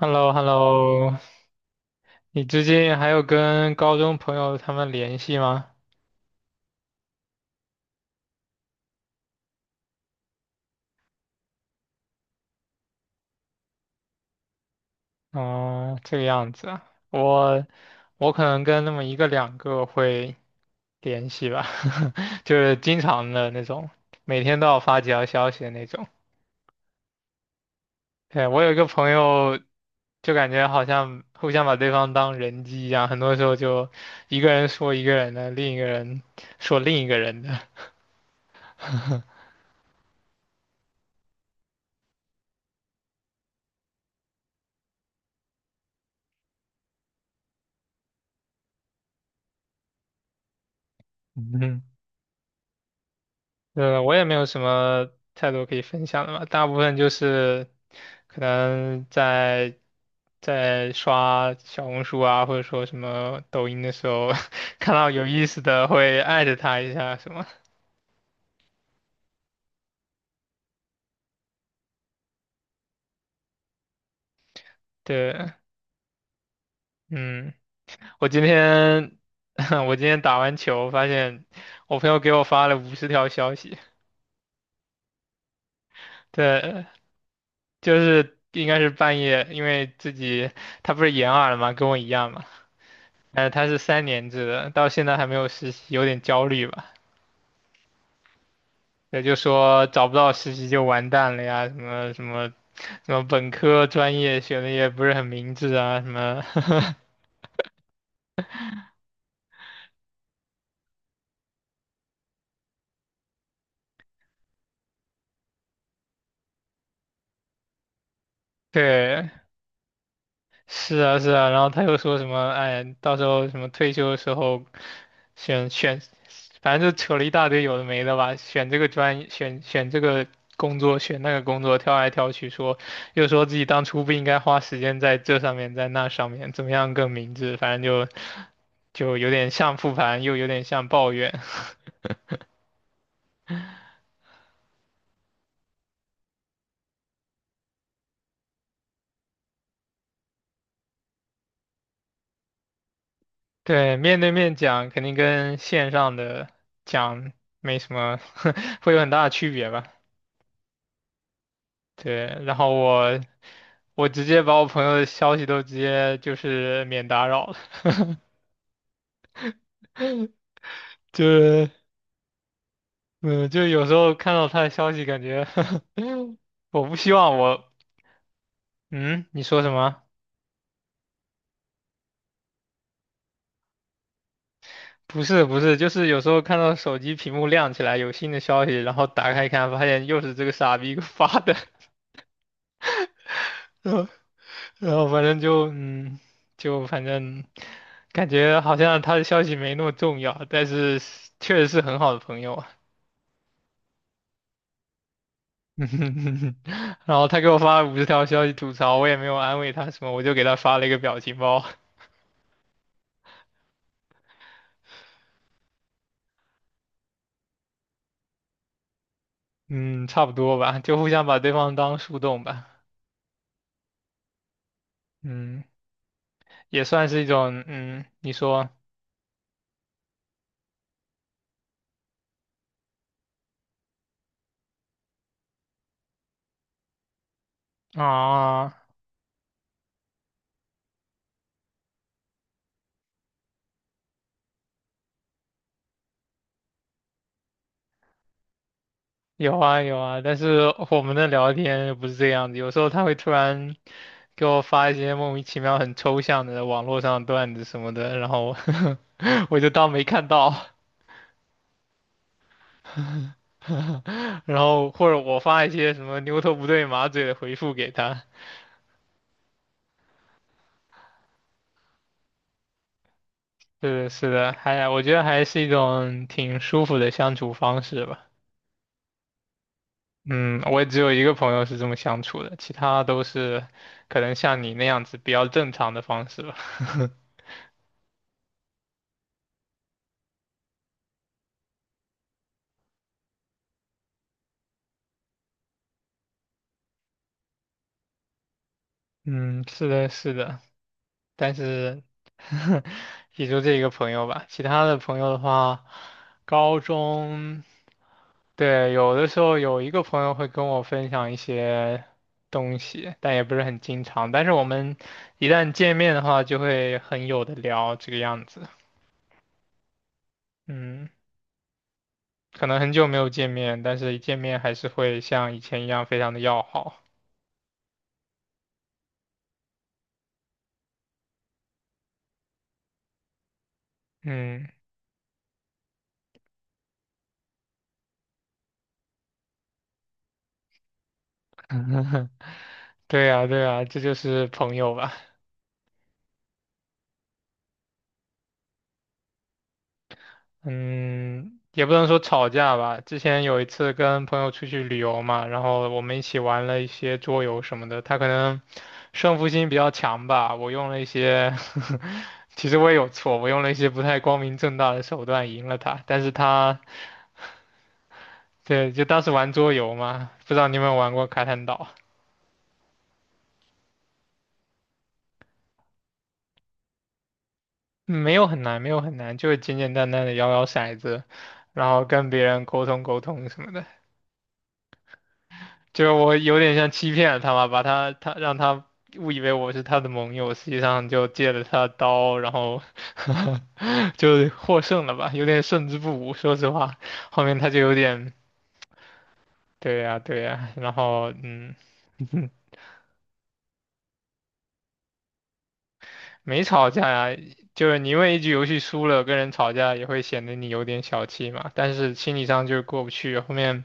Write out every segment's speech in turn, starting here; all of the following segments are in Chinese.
h e l l o h e l l o 你最近还有跟高中朋友他们联系吗？哦，这个样子啊，我可能跟那么一个两个会联系吧，就是经常的那种，每天都要发几条消息的那种。对，我有一个朋友，就感觉好像互相把对方当人机一样，很多时候就一个人说一个人的，另一个人说另一个人的。嗯哼。我也没有什么太多可以分享的嘛，大部分就是可能在刷小红书啊，或者说什么抖音的时候，看到有意思的会艾特他一下什么。对，嗯，我今天 我今天打完球，发现我朋友给我发了五十条消息。对，就是应该是半夜，因为自己他不是延二了嘛，跟我一样嘛。哎，他是3年制的，到现在还没有实习，有点焦虑吧？也就说找不到实习就完蛋了呀，什么本科专业选的也不是很明智啊，什么，对，是啊，是啊，然后他又说什么，哎，到时候什么退休的时候选选，反正就扯了一大堆有的没的吧，选这个专业，选这个工作，选那个工作，挑来挑去说，又说自己当初不应该花时间在这上面，在那上面，怎么样更明智，反正就有点像复盘，又有点像抱怨。对，面对面讲肯定跟线上的讲没什么，会有很大的区别吧。对，然后我直接把我朋友的消息都直接就是免打扰了，就是嗯，就有时候看到他的消息，感觉 我不希望我嗯，你说什么？不是不是，就是有时候看到手机屏幕亮起来有新的消息，然后打开一看，发现又是这个傻逼给我发的，然后然后反正就嗯，就反正感觉好像他的消息没那么重要，但是确实是很好的朋友。啊。然后他给我发了50条消息吐槽，我也没有安慰他什么，我就给他发了一个表情包。嗯，差不多吧，就互相把对方当树洞吧。嗯，也算是一种，嗯，你说啊，有啊有啊，但是我们的聊天又不是这样子，有时候他会突然给我发一些莫名其妙很抽象的网络上的段子什么的，然后 我就当没看到，然后或者我发一些什么牛头不对马嘴的回复给他。是的是的，还我觉得还是一种挺舒服的相处方式吧。嗯，我也只有一个朋友是这么相处的，其他都是可能像你那样子比较正常的方式吧。嗯，是的，是的。但是 也就这一个朋友吧，其他的朋友的话，高中，对，有的时候有一个朋友会跟我分享一些东西，但也不是很经常，但是我们一旦见面的话，就会很有的聊这个样子。嗯，可能很久没有见面，但是一见面还是会像以前一样非常的要好。嗯，对呀，对呀，这就是朋友吧。嗯，也不能说吵架吧。之前有一次跟朋友出去旅游嘛，然后我们一起玩了一些桌游什么的。他可能胜负心比较强吧，我用了一些，其实我也有错，我用了一些不太光明正大的手段赢了他。但是他，对，就当时玩桌游嘛，不知道你有没有玩过卡坦岛？嗯没有很难，没有很难，就是简简单单的摇摇骰子，然后跟别人沟通沟通什么的。就是我有点像欺骗了他嘛，把他他让他误以为我是他的盟友，实际上就借了他的刀，然后 就获胜了吧，有点胜之不武。说实话，后面他就有点对呀、对呀、然后嗯，没吵架呀，就是你因为一局游戏输了跟人吵架，也会显得你有点小气嘛。但是心理上就是过不去。后面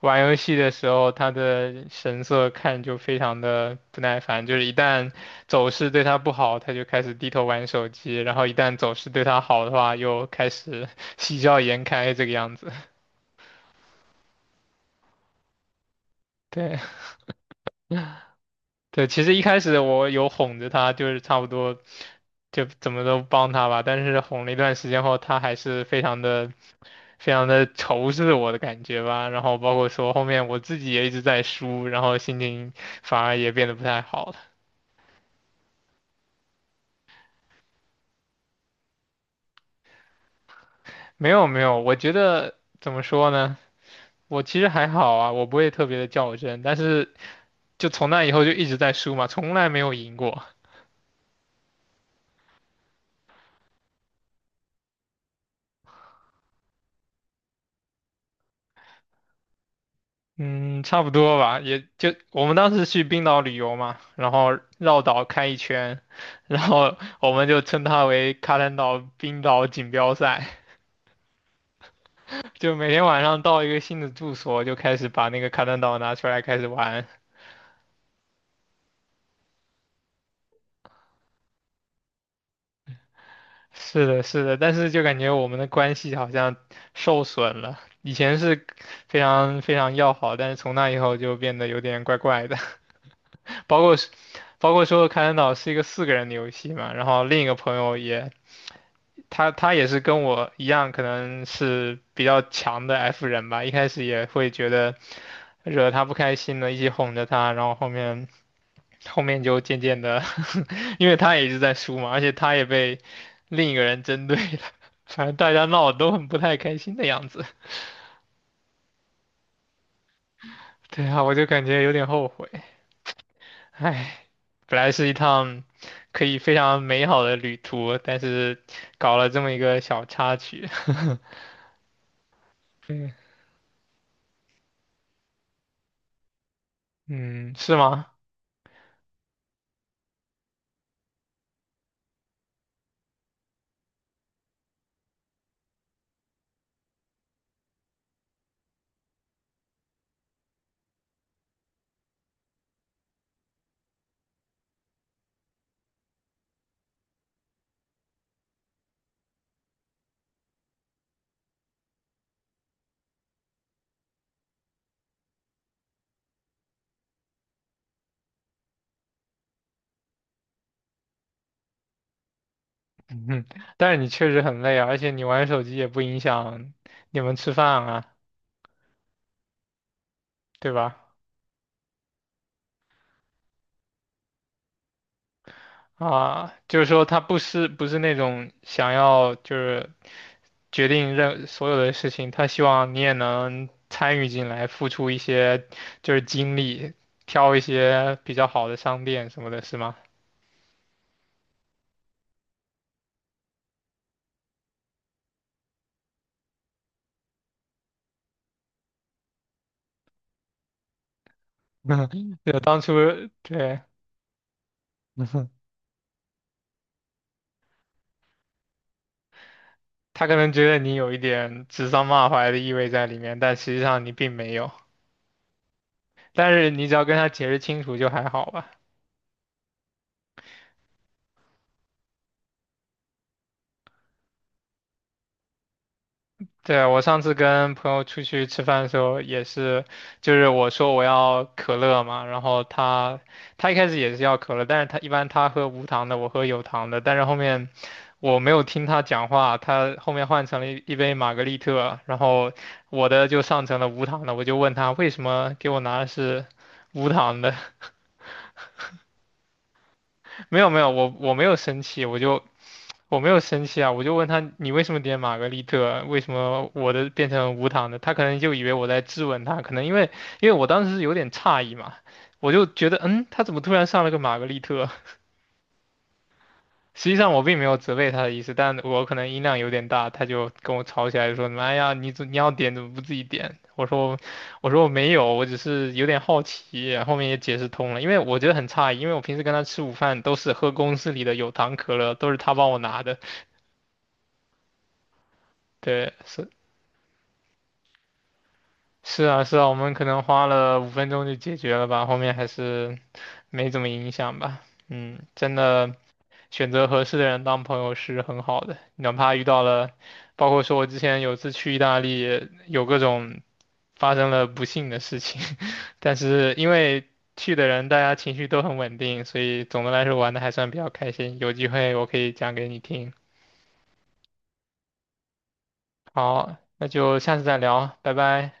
玩游戏的时候，他的神色看就非常的不耐烦，就是一旦走势对他不好，他就开始低头玩手机；然后一旦走势对他好的话，又开始 喜笑颜开这个样子。对对，其实一开始我有哄着他，就是差不多。就怎么都帮他吧，但是哄了一段时间后，他还是非常的仇视我的感觉吧。然后包括说后面我自己也一直在输，然后心情反而也变得不太好了。没有没有，我觉得怎么说呢？我其实还好啊，我不会特别的较真，但是就从那以后就一直在输嘛，从来没有赢过。嗯，差不多吧，也就我们当时去冰岛旅游嘛，然后绕岛开一圈，然后我们就称它为卡坦岛冰岛锦标赛。就每天晚上到一个新的住所，就开始把那个卡坦岛拿出来开始玩。是的，是的，但是就感觉我们的关系好像受损了。以前是非常非常要好，但是从那以后就变得有点怪怪的。包括是包括说卡坦岛是一个4个人的游戏嘛，然后另一个朋友也他也是跟我一样，可能是比较强的 F 人吧，一开始也会觉得。惹他不开心的，一起哄着他，然后后面就渐渐的因为他也一直在输嘛，而且他也被另一个人针对了，反正大家闹得都很不太开心的样子。对啊，我就感觉有点后悔，唉，本来是一趟可以非常美好的旅途，但是搞了这么一个小插曲，嗯，是吗？嗯，但是你确实很累啊，而且你玩手机也不影响你们吃饭啊，对吧？啊，就是说他不是那种想要就是决定任所有的事情，他希望你也能参与进来，付出一些就是精力，挑一些比较好的商店什么的，是吗？就当初对他可能觉得你有一点指桑骂槐的意味在里面，但实际上你并没有。但是你只要跟他解释清楚就还好吧。对啊，我上次跟朋友出去吃饭的时候也是，就是我说我要可乐嘛，然后他一开始也是要可乐，但是他一般他喝无糖的，我喝有糖的，但是后面我没有听他讲话，他后面换成了一杯玛格丽特，然后我的就上成了无糖的，我就问他为什么给我拿的是无糖的，没有没有，我没有生气，我就我没有生气啊，我就问他你为什么点玛格丽特，为什么我的变成无糖的？他可能就以为我在质问他，可能因为我当时是有点诧异嘛，我就觉得嗯，他怎么突然上了个玛格丽特？实际上我并没有责备他的意思，但我可能音量有点大，他就跟我吵起来说妈哎呀，你要点怎么不自己点？我说我没有，我只是有点好奇，后面也解释通了，因为我觉得很诧异，因为我平时跟他吃午饭都是喝公司里的有糖可乐，都是他帮我拿的，对，是。是啊，是啊，我们可能花了5分钟就解决了吧，后面还是没怎么影响吧。嗯，真的选择合适的人当朋友是很好的，哪怕遇到了，包括说我之前有次去意大利，有各种发生了不幸的事情，但是因为去的人大家情绪都很稳定，所以总的来说玩的还算比较开心。有机会我可以讲给你听。好，那就下次再聊，拜拜。